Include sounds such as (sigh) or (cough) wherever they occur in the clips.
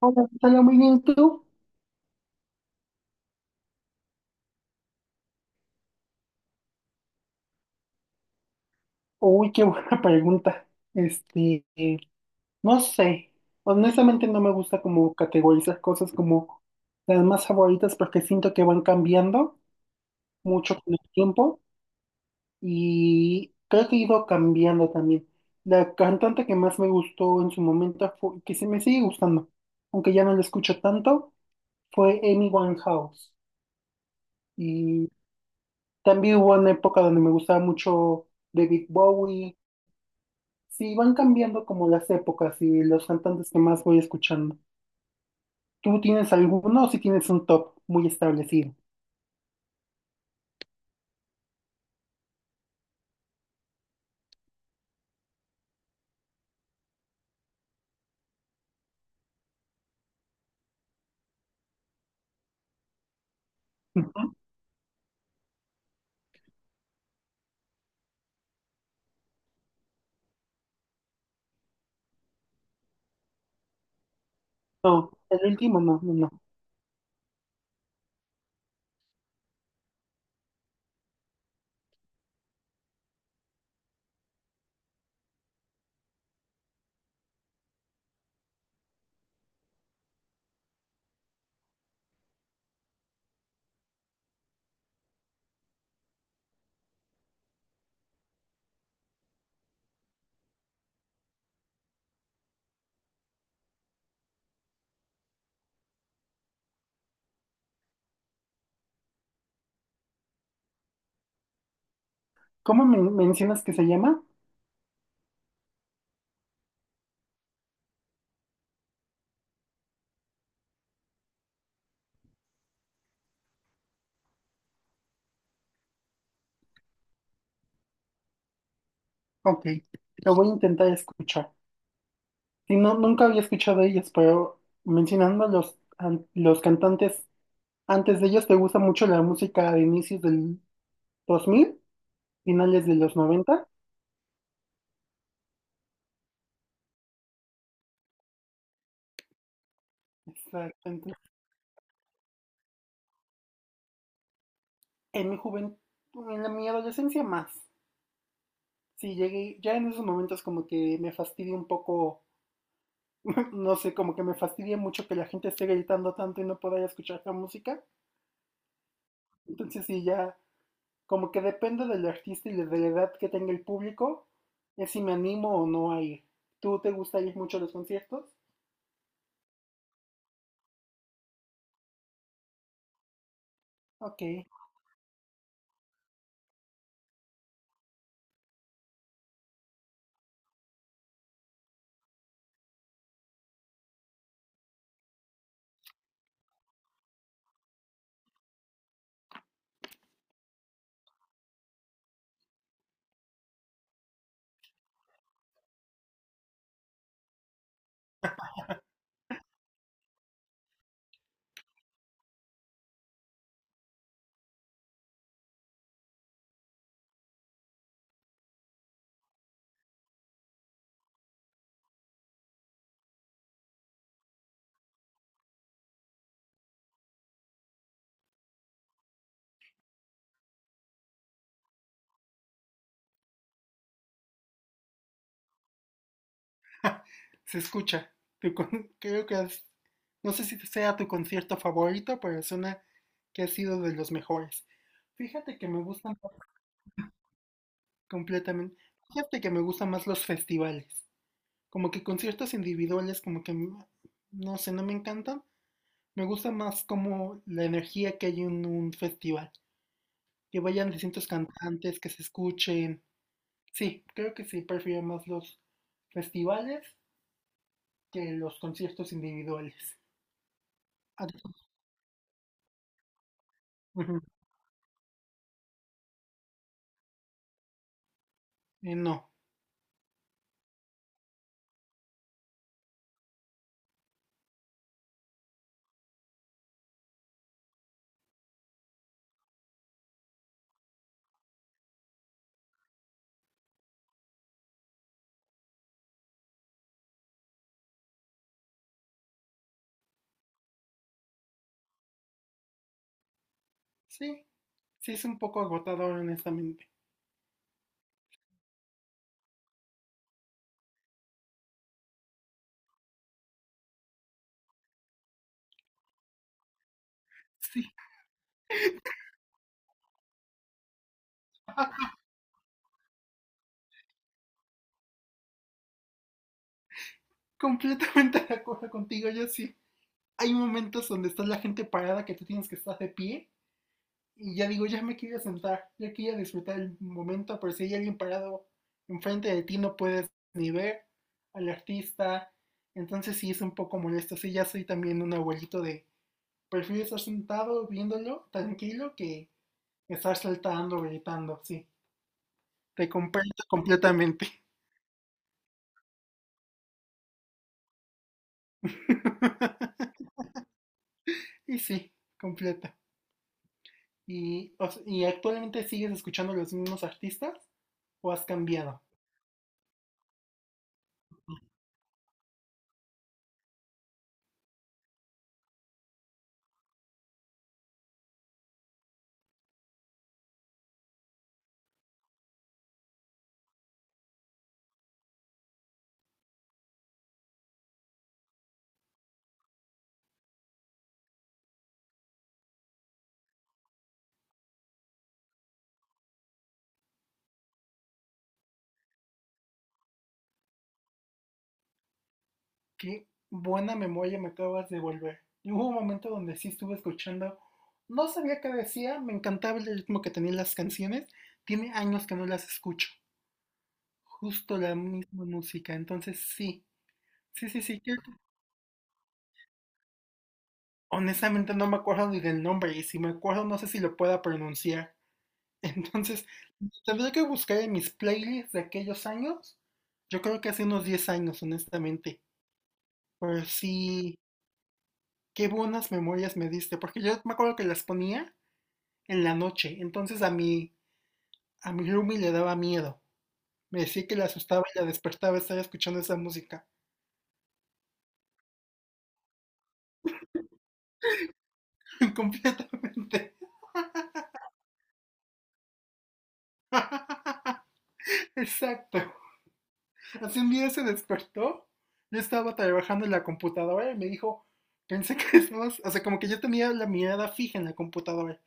Hola, Natalia, muy bien, ¿y tú? Uy, qué buena (laughs) pregunta. Este, no sé. Honestamente no me gusta como categorizar cosas como las más favoritas porque siento que van cambiando mucho con el tiempo y creo que he ido cambiando también. La cantante que más me gustó en su momento, fue que se me sigue gustando, aunque ya no la escucho tanto, fue Amy Winehouse. Y también hubo una época donde me gustaba mucho David Bowie. Sí, van cambiando como las épocas y los cantantes que más voy escuchando. ¿Tú tienes alguno o si tienes un top muy establecido? Ujú. No, el último no, no, no. ¿Cómo me mencionas que se llama? Ok, lo voy a intentar escuchar. Y no, nunca había escuchado de ellos, pero mencionando a los cantantes antes de ellos, ¿te gusta mucho la música de inicios del 2000, finales de los 90? Exacto. En mi juventud, mi adolescencia más. Sí, llegué, ya en esos momentos como que me fastidia un poco, (clears throat) (laughs) no sé, como que me fastidia mucho que la gente esté gritando tanto y no poder escuchar la música. Entonces sí, ya como que depende del artista y de la edad que tenga el público, es si me animo o no a ir. ¿Tú te gusta ir mucho a los conciertos? Ok, se escucha. Tu con- (laughs) Creo que es- no sé si sea tu concierto favorito, pero suena que ha sido de los mejores. Fíjate que me gustan completamente. Fíjate que me gustan más los festivales. Como que conciertos individuales, como que no sé, no me encantan. Me gusta más como la energía que hay en un festival, que vayan distintos cantantes, que se escuchen. Sí, creo que sí, prefiero más los festivales que los conciertos individuales. Ah, ujú, no, sí, sí es un poco agotador, honestamente. Sí, (laughs) completamente de acuerdo contigo, yo sí. Hay momentos donde está la gente parada que tú tienes que estar de pie. Y ya digo, ya me quería sentar, ya quería disfrutar el momento, pero si hay alguien parado enfrente de ti, no puedes ni ver al artista. Entonces sí es un poco molesto. Sí, ya soy también un abuelito de, prefiero estar sentado viéndolo tranquilo que estar saltando, gritando. Sí, te comprendo completamente. (laughs) Y sí, completa. Y, o sea, ¿y actualmente sigues escuchando los mismos artistas o has cambiado? Qué buena memoria me acabas de volver. Y hubo un momento donde sí estuve escuchando, no sabía qué decía, me encantaba el ritmo que tenían las canciones, tiene años que no las escucho, justo la misma música, entonces sí, sí, sí, sí, honestamente no me acuerdo ni del nombre y si me acuerdo no sé si lo pueda pronunciar, (laughs) entonces tendré que buscar en mis playlists de aquellos años, yo creo que hace unos 10 años, honestamente, pero sí, qué buenas memorias me diste, porque yo me acuerdo que las ponía en la noche. Entonces a mi roomie le daba miedo. Me decía que le asustaba y la despertaba estar escuchando esa música. (laughs) Completamente. (laughs) Exacto. Así un día se despertó. Yo estaba trabajando en la computadora y me dijo, pensé que estabas, o sea, como que yo tenía la mirada fija en la computadora.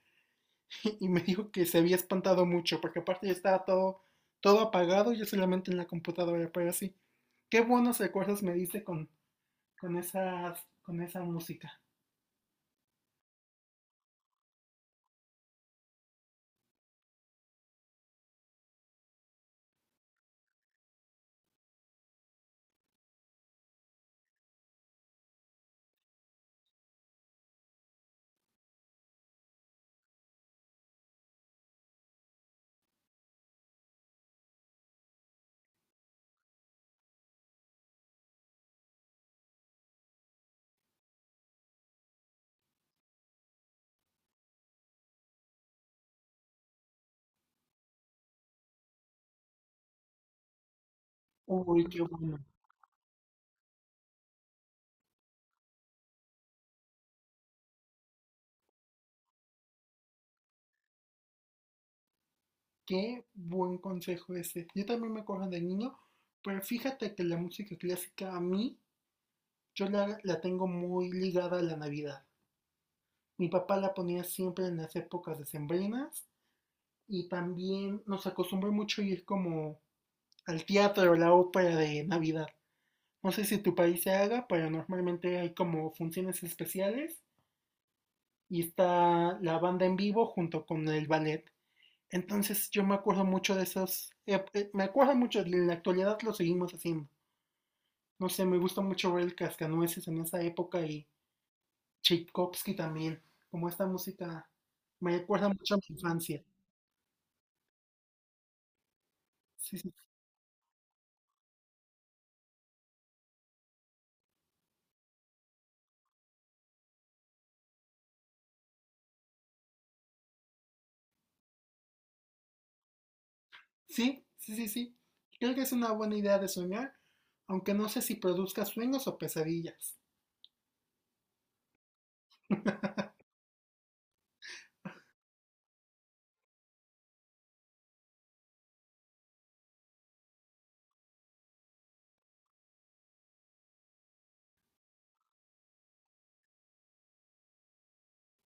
(laughs) Y me dijo que se había espantado mucho, porque aparte ya estaba todo, todo apagado, yo solamente en la computadora, pero así. Qué buenos recuerdos me dice con esas, con esa música. Uy, qué bueno. Qué buen consejo ese. Yo también me acuerdo de niño, pero fíjate que la música clásica a mí, yo la, la tengo muy ligada a la Navidad. Mi papá la ponía siempre en las épocas decembrinas y también nos acostumbró mucho a ir como al teatro, la ópera de Navidad. No sé si tu país se haga, pero normalmente hay como funciones especiales y está la banda en vivo junto con el ballet. Entonces yo me acuerdo mucho de esos, me acuerdo mucho, en la actualidad lo seguimos haciendo. No sé, me gusta mucho ver el Cascanueces en esa época y Tchaikovsky también, como esta música me recuerda mucho a mi infancia. Sí, sí, sí, sí, sí, sí. Creo que es una buena idea de soñar, aunque no sé si produzca sueños o pesadillas.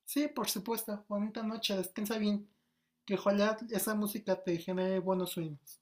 Sí, por supuesto, bonita noche, descansa bien, que ojalá esa música te genere buenos sueños.